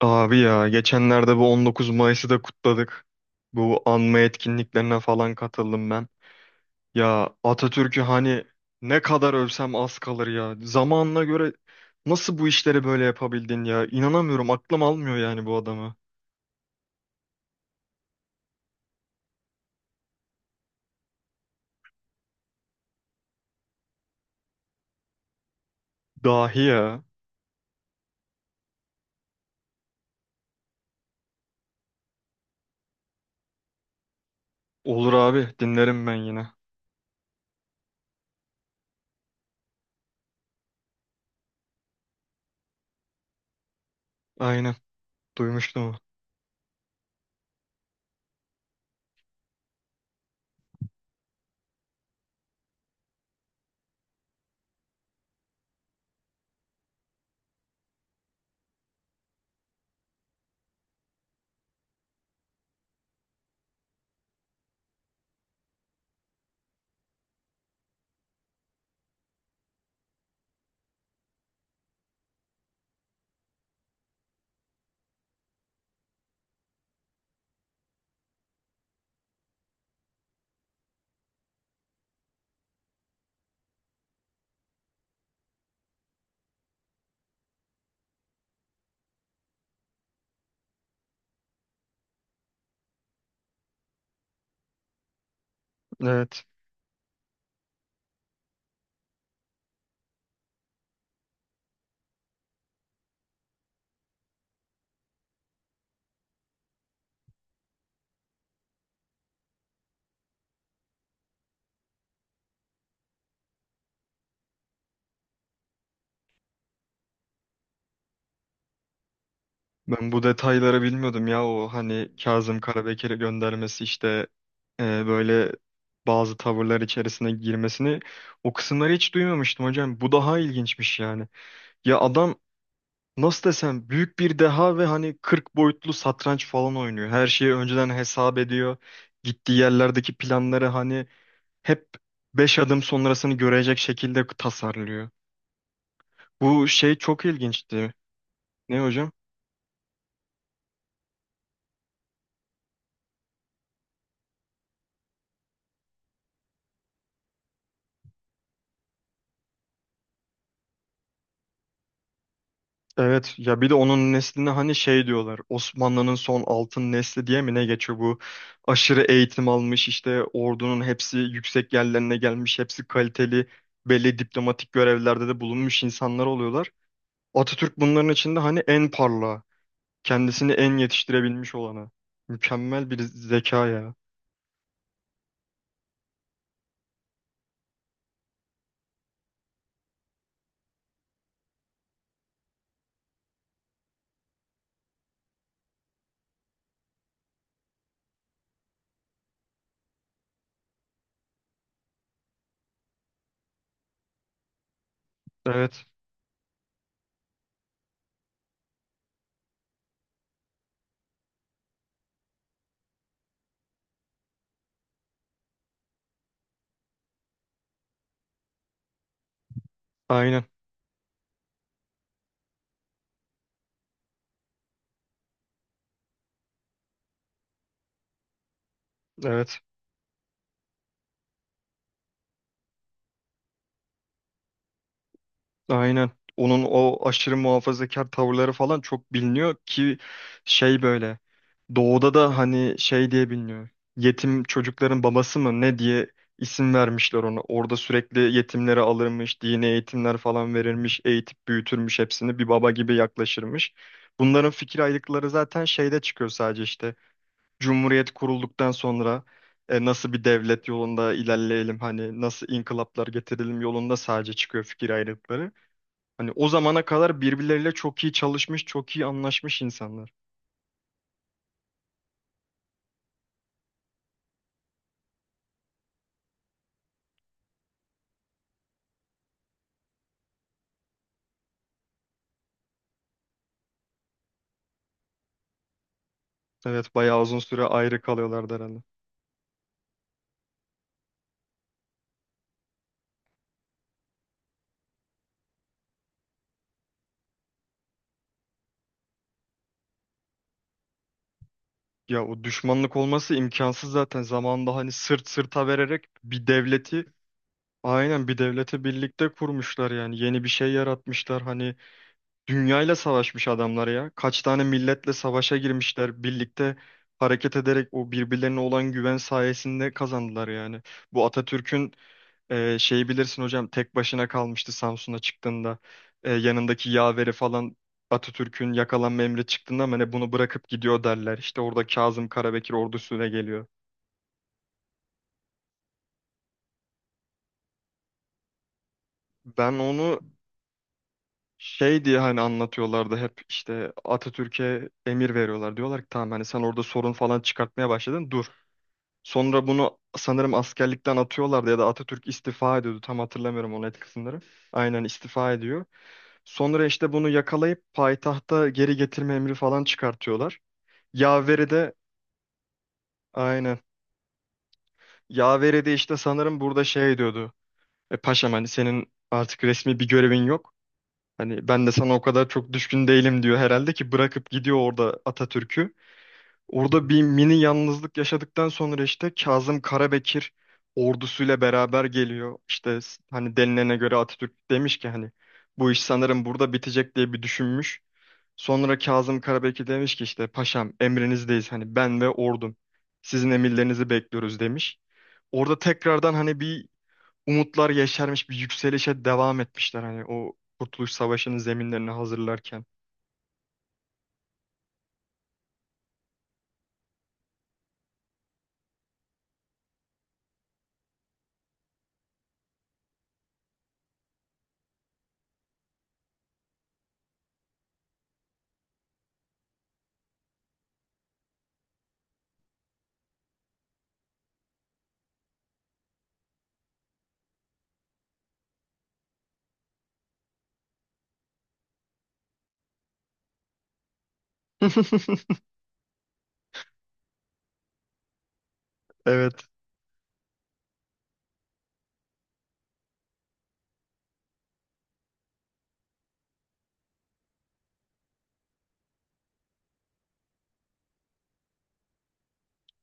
Abi ya geçenlerde bu 19 Mayıs'ı da kutladık. Bu anma etkinliklerine falan katıldım ben. Ya Atatürk'ü hani ne kadar övsem az kalır ya. Zamanına göre nasıl bu işleri böyle yapabildin ya? İnanamıyorum, aklım almıyor yani bu adamı. Dahi ya. Olur abi, dinlerim ben yine. Aynen, duymuştum. Onu. Evet. Ben bu detayları bilmiyordum ya o hani Kazım Karabekir'e göndermesi işte e, böyle bazı tavırlar içerisine girmesini, o kısımları hiç duymamıştım hocam. Bu daha ilginçmiş yani. Ya adam nasıl desem, büyük bir deha ve hani 40 boyutlu satranç falan oynuyor. Her şeyi önceden hesap ediyor. Gittiği yerlerdeki planları hani hep 5 adım sonrasını görecek şekilde tasarlıyor. Bu şey çok ilginçti. Ne hocam? Evet ya, bir de onun nesline hani şey diyorlar, Osmanlı'nın son altın nesli diye mi ne geçiyor, bu aşırı eğitim almış, işte ordunun hepsi yüksek yerlerine gelmiş, hepsi kaliteli, belli diplomatik görevlerde de bulunmuş insanlar oluyorlar. Atatürk bunların içinde hani en parlağı, kendisini en yetiştirebilmiş olanı, mükemmel bir zeka ya. Evet, aynen, evet. Aynen. Onun o aşırı muhafazakar tavırları falan çok biliniyor ki şey böyle, doğuda da hani şey diye biliniyor. Yetim çocukların babası mı ne diye isim vermişler ona. Orada sürekli yetimleri alırmış, dini eğitimler falan verirmiş, eğitip büyütürmüş, hepsini bir baba gibi yaklaşırmış. Bunların fikir ayrılıkları zaten şeyde çıkıyor sadece işte. Cumhuriyet kurulduktan sonra nasıl bir devlet yolunda ilerleyelim, hani nasıl inkılaplar getirelim yolunda sadece çıkıyor fikir ayrılıkları. Hani o zamana kadar birbirleriyle çok iyi çalışmış, çok iyi anlaşmış insanlar. Evet, bayağı uzun süre ayrı kalıyorlardı herhalde. Ya o düşmanlık olması imkansız zaten. Zamanında hani sırt sırta vererek bir devleti, aynen bir devleti birlikte kurmuşlar yani. Yeni bir şey yaratmışlar. Hani dünyayla savaşmış adamlar ya. Kaç tane milletle savaşa girmişler. Birlikte hareket ederek o birbirlerine olan güven sayesinde kazandılar yani. Bu Atatürk'ün Şeyi bilirsin hocam, tek başına kalmıştı Samsun'a çıktığında. Yanındaki yaveri falan, Atatürk'ün yakalanma emri çıktığında ama hani bunu bırakıp gidiyor derler. İşte orada Kazım Karabekir ordusuyla geliyor. Ben onu şey diye hani anlatıyorlardı hep, işte Atatürk'e emir veriyorlar. Diyorlar ki tamam hani sen orada sorun falan çıkartmaya başladın, dur. Sonra bunu sanırım askerlikten atıyorlardı ya da Atatürk istifa ediyordu. Tam hatırlamıyorum o net kısımları. Aynen, istifa ediyor. Sonra işte bunu yakalayıp payitahta geri getirme emri falan çıkartıyorlar. Yaveri de, aynen. Yaveri de işte sanırım burada şey diyordu. E paşam, hani senin artık resmi bir görevin yok. Hani ben de sana o kadar çok düşkün değilim diyor herhalde ki bırakıp gidiyor orada Atatürk'ü. Orada bir mini yalnızlık yaşadıktan sonra işte Kazım Karabekir ordusuyla beraber geliyor. İşte hani denilene göre Atatürk demiş ki hani bu iş sanırım burada bitecek diye bir düşünmüş. Sonra Kazım Karabekir demiş ki işte paşam emrinizdeyiz, hani ben ve ordum sizin emirlerinizi bekliyoruz demiş. Orada tekrardan hani bir umutlar yeşermiş, bir yükselişe devam etmişler hani o Kurtuluş Savaşı'nın zeminlerini hazırlarken. Evet.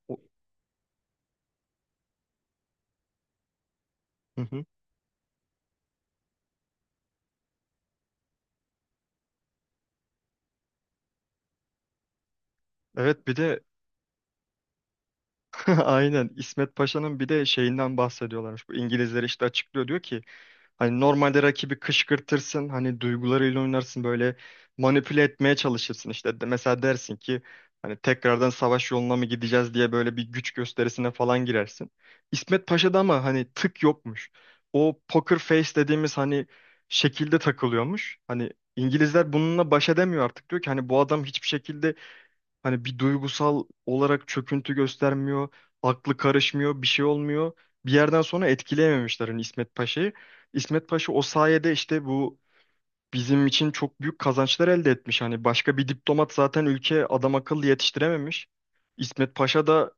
O- Hı hı. Evet, bir de aynen İsmet Paşa'nın bir de şeyinden bahsediyorlarmış. Bu İngilizler işte açıklıyor, diyor ki hani normalde rakibi kışkırtırsın, hani duygularıyla oynarsın, böyle manipüle etmeye çalışırsın işte. Mesela dersin ki hani tekrardan savaş yoluna mı gideceğiz diye, böyle bir güç gösterisine falan girersin. İsmet Paşa'da ama hani tık yokmuş. O poker face dediğimiz hani şekilde takılıyormuş. Hani İngilizler bununla baş edemiyor, artık diyor ki hani bu adam hiçbir şekilde, hani bir duygusal olarak çöküntü göstermiyor, aklı karışmıyor, bir şey olmuyor. Bir yerden sonra etkileyememişler hani İsmet Paşa'yı. İsmet Paşa o sayede işte bu bizim için çok büyük kazançlar elde etmiş. Hani başka bir diplomat zaten ülke adam akıllı yetiştirememiş. İsmet Paşa da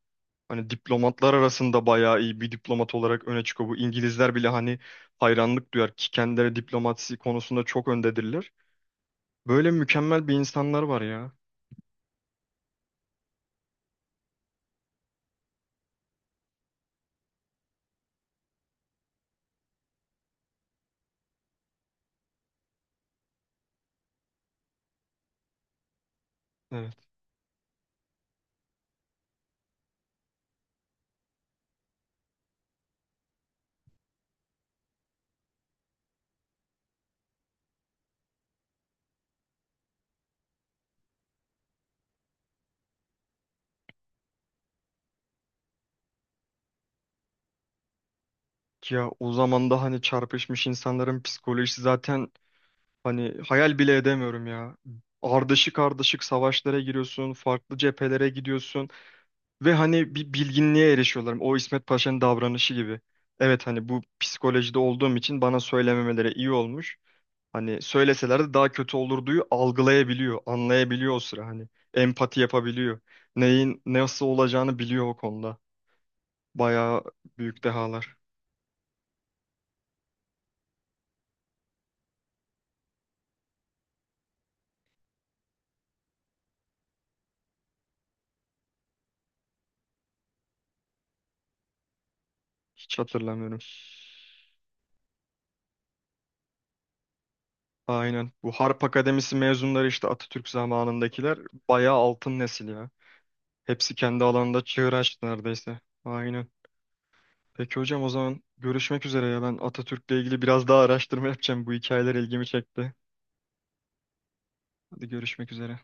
hani diplomatlar arasında bayağı iyi bir diplomat olarak öne çıkıyor. Bu İngilizler bile hani hayranlık duyar ki kendileri diplomasi konusunda çok öndedirler. Böyle mükemmel bir insanlar var ya. Evet. Ya o zaman da hani çarpışmış insanların psikolojisi zaten, hani hayal bile edemiyorum ya. Ardışık ardışık savaşlara giriyorsun, farklı cephelere gidiyorsun ve hani bir bilginliğe erişiyorlar. O İsmet Paşa'nın davranışı gibi. Evet, hani bu psikolojide olduğum için bana söylememeleri iyi olmuş. Hani söyleselerdi daha kötü olurduyu algılayabiliyor, anlayabiliyor o sıra hani. Empati yapabiliyor. Neyin nasıl olacağını biliyor o konuda. Bayağı büyük dehalar. Hiç hatırlamıyorum. Aynen. Bu Harp Akademisi mezunları işte Atatürk zamanındakiler bayağı altın nesil ya. Hepsi kendi alanında çığır açtı neredeyse. Aynen. Peki hocam, o zaman görüşmek üzere ya. Ben Atatürk'le ilgili biraz daha araştırma yapacağım. Bu hikayeler ilgimi çekti. Hadi görüşmek üzere.